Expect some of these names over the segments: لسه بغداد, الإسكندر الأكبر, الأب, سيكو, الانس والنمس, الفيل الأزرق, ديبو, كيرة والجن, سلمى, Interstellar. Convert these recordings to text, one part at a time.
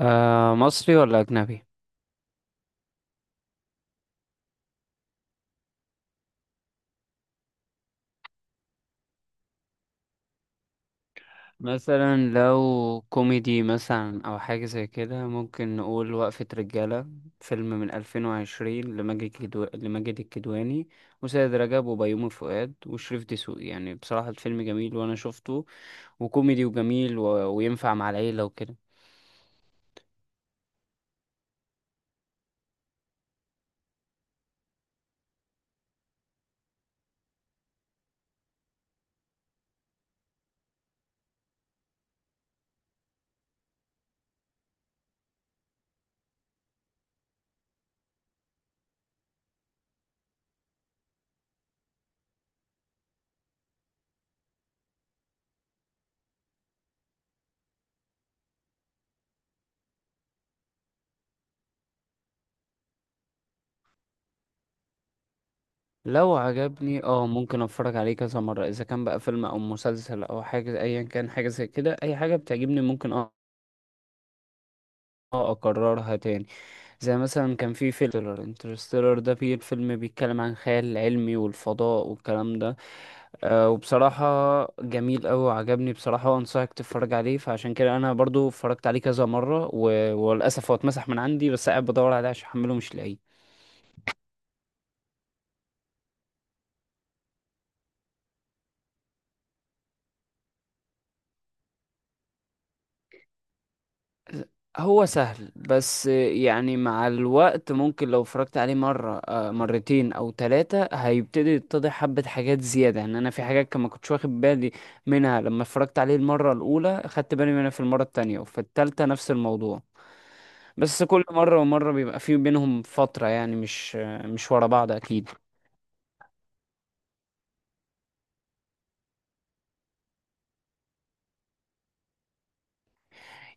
مصري ولا أجنبي؟ مثلا لو كوميدي مثلا أو حاجة زي كده ممكن نقول وقفة رجالة. فيلم من 2020 لماجد الكدواني وسيد رجب وبيومي فؤاد وشريف دسوقي، يعني بصراحة الفيلم جميل وأنا شفته، وكوميدي وجميل و... وينفع مع العيلة وكده. لو عجبني ممكن اتفرج عليه كذا مرة، اذا كان بقى فيلم او مسلسل او حاجة ايا كان، حاجة زي كده اي حاجة بتعجبني ممكن اه اكررها تاني. زي مثلا كان في فيلم انترستيلر ده، فيه الفيلم بيتكلم عن خيال علمي والفضاء والكلام ده. وبصراحة جميل أوي وعجبني بصراحة، وأنصحك تتفرج عليه، فعشان كده أنا برضو اتفرجت عليه كذا مرة و... وللأسف هو اتمسح من عندي، بس قاعد بدور عليه عشان أحمله مش لاقيه. هو سهل، بس يعني مع الوقت ممكن لو اتفرجت عليه مرة، مرتين أو ثلاثة، هيبتدي يتضح حبة حاجات زيادة، يعني أنا في حاجات كان ما كنتش واخد بالي منها لما اتفرجت عليه المرة الأولى، خدت بالي منها في المرة التانية، وفي التالتة نفس الموضوع. بس كل مرة ومرة بيبقى في بينهم فترة، يعني مش ورا بعض أكيد.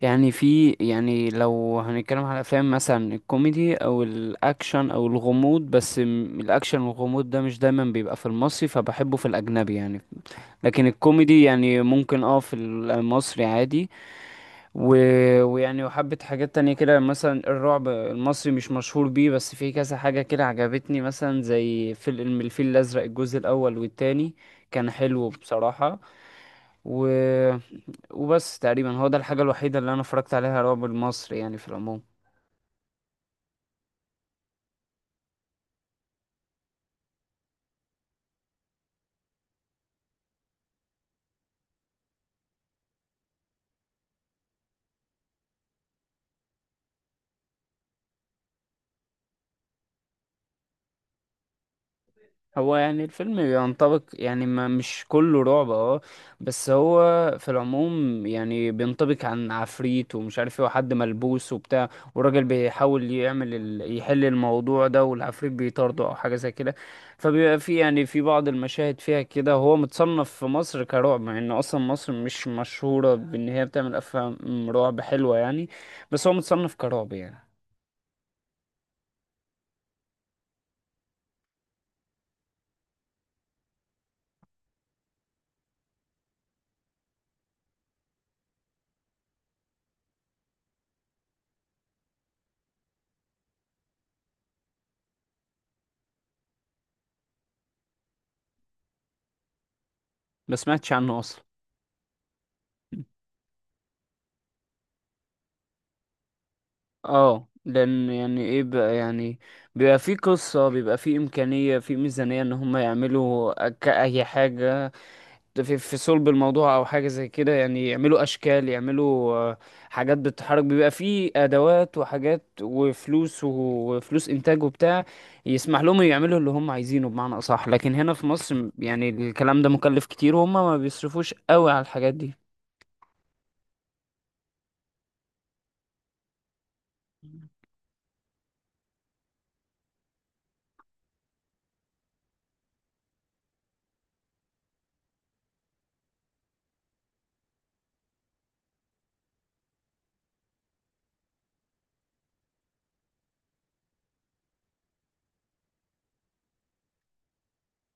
يعني في يعني لو هنتكلم على الافلام مثلا، الكوميدي او الاكشن او الغموض، بس الاكشن والغموض ده مش دايما بيبقى في المصري، فبحبه في الاجنبي يعني. لكن الكوميدي يعني ممكن في المصري عادي و... ويعني وحبة حاجات تانية كده، مثلا الرعب المصري مش مشهور بيه، بس في كذا حاجة كده عجبتني مثلا زي فيلم الفيل الازرق، الجزء الاول والتاني، كان حلو بصراحة. و وبس تقريبا هو ده الحاجة الوحيدة اللي انا اتفرجت عليها رعب المصري يعني في العموم. هو يعني الفيلم بينطبق، يعني ما مش كله رعب اه بس هو في العموم يعني بينطبق عن عفريت ومش عارف ايه، وحد ملبوس وبتاع، والراجل بيحاول يعمل يحل الموضوع ده، والعفريت بيطارده او حاجة زي كده. فبيبقى في بعض المشاهد فيها كده، هو متصنف في مصر كرعب، مع ان اصلا مصر مش مشهورة بان هي بتعمل افلام رعب حلوة يعني، بس هو متصنف كرعب يعني. ما سمعتش عنه اصلا. اه لان يعني ايه بقى يعني، بيبقى في قصة، بيبقى في امكانية، في ميزانية ان هم يعملوا اي حاجة في صلب الموضوع او حاجة زي كده، يعني يعملوا اشكال، يعملوا حاجات بتتحرك، بيبقى في ادوات وحاجات وفلوس، وفلوس انتاج وبتاع يسمح لهم يعملوا اللي هم عايزينه بمعنى اصح. لكن هنا في مصر يعني الكلام ده مكلف كتير، وهم ما بيصرفوش قوي على الحاجات دي.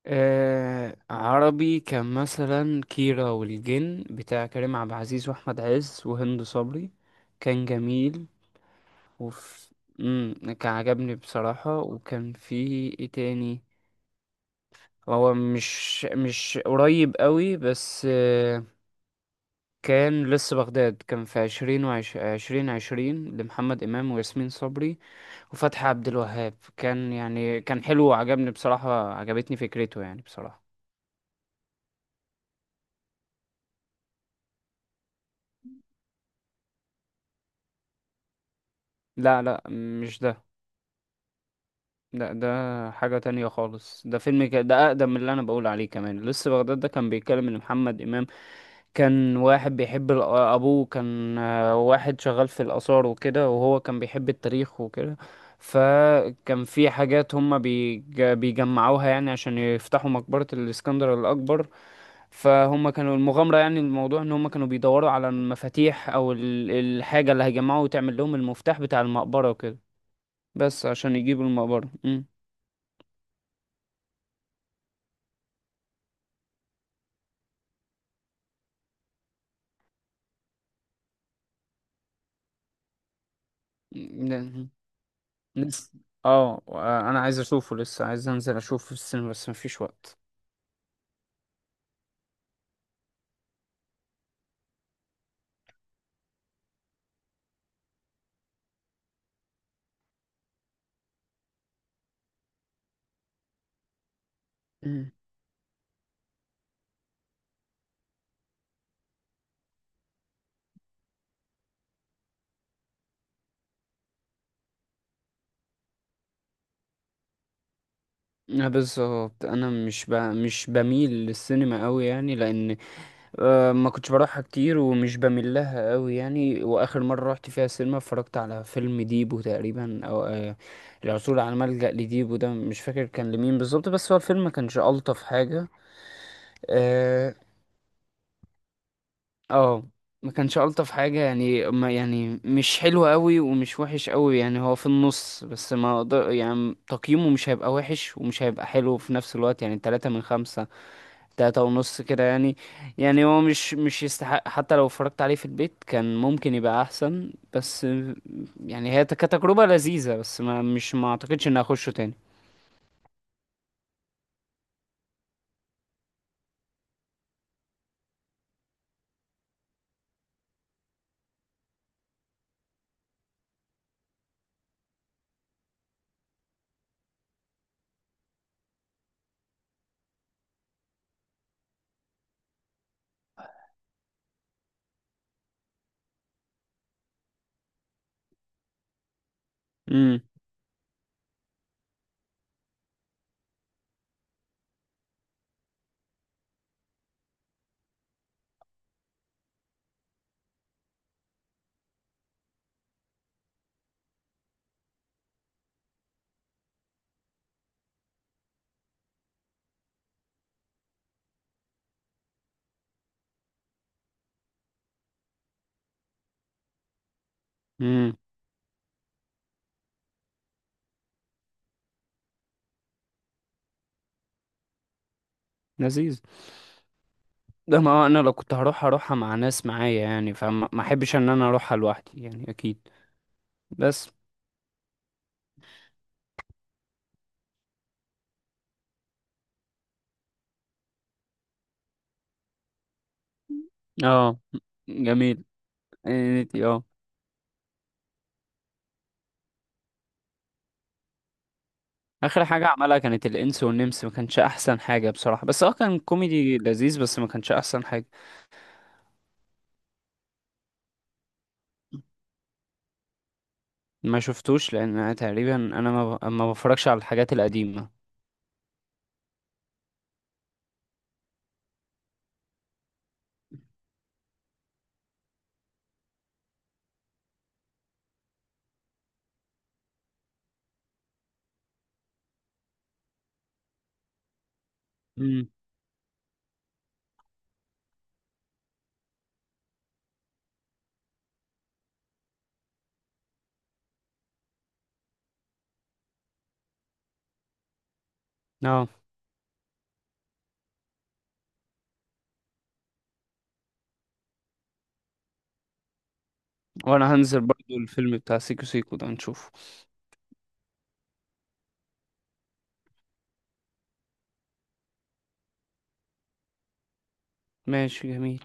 عربي كان مثلا كيرة والجن، بتاع كريم عبد العزيز واحمد عز وهند صبري، كان جميل وف... مم، كان عجبني بصراحة، وكان في ايه تاني، هو مش مش قريب قوي بس. كان لسه بغداد، كان في 2020 لمحمد إمام وياسمين صبري وفتحي عبد الوهاب، كان حلو وعجبني بصراحة، عجبتني فكرته يعني بصراحة. لا لا، مش ده. لا، ده حاجة تانية خالص. ده أقدم من اللي أنا بقول عليه كمان. لسه بغداد ده كان بيتكلم إن محمد إمام كان واحد بيحب أبوه كان واحد شغال في الآثار وكده، وهو كان بيحب التاريخ وكده، فكان في حاجات هما بيجمعوها يعني، عشان يفتحوا مقبرة الإسكندر الأكبر. فهم كانوا المغامرة، يعني الموضوع ان هم كانوا بيدوروا على المفاتيح او الحاجة اللي هيجمعوا وتعمل لهم المفتاح بتاع المقبرة وكده، بس عشان يجيبوا المقبرة. ن- لسه اه انا عايز اشوفه، لسه عايز انزل اشوفه في السينما بس مفيش وقت. مم. بالظبط، انا مش بميل للسينما قوي يعني، لان ما كنتش بروحها كتير، ومش بميل لها قوي يعني. واخر مره رحت فيها السينما، اتفرجت على فيلم ديبو تقريبا، او العثور على ملجأ لديبو ده، مش فاكر كان لمين بالظبط، بس هو الفيلم ما كانش الطف حاجه. آه، اه. ما كانش الطف حاجه يعني، ما يعني مش حلو قوي ومش وحش قوي، يعني هو في النص، بس ما اقدر، يعني تقييمه مش هيبقى وحش ومش هيبقى حلو في نفس الوقت، يعني 3 من 5، 3.5 كده يعني. يعني هو مش يستحق، حتى لو اتفرجت عليه في البيت كان ممكن يبقى احسن. بس يعني هي كتجربة لذيذة، بس ما اعتقدش اني اخشه تاني. امم. امم. لذيذ. ده ما هو انا لو كنت هروح هروحها مع ناس معايا يعني، فما ما احبش ان انا اروحها لوحدي يعني اكيد. بس. اه. جميل. انتي اه اخر حاجه عملها كانت الانس والنمس، ما كانش احسن حاجه بصراحه، بس هو كان كوميدي لذيذ بس ما كانش احسن حاجه. ما شفتوش لان أنا تقريبا، انا ما بفرجش على الحاجات القديمه. امم. اه. وانا هنزل برضو الفيلم بتاع سيكو سيكو ده نشوفه. ماشي، جميل.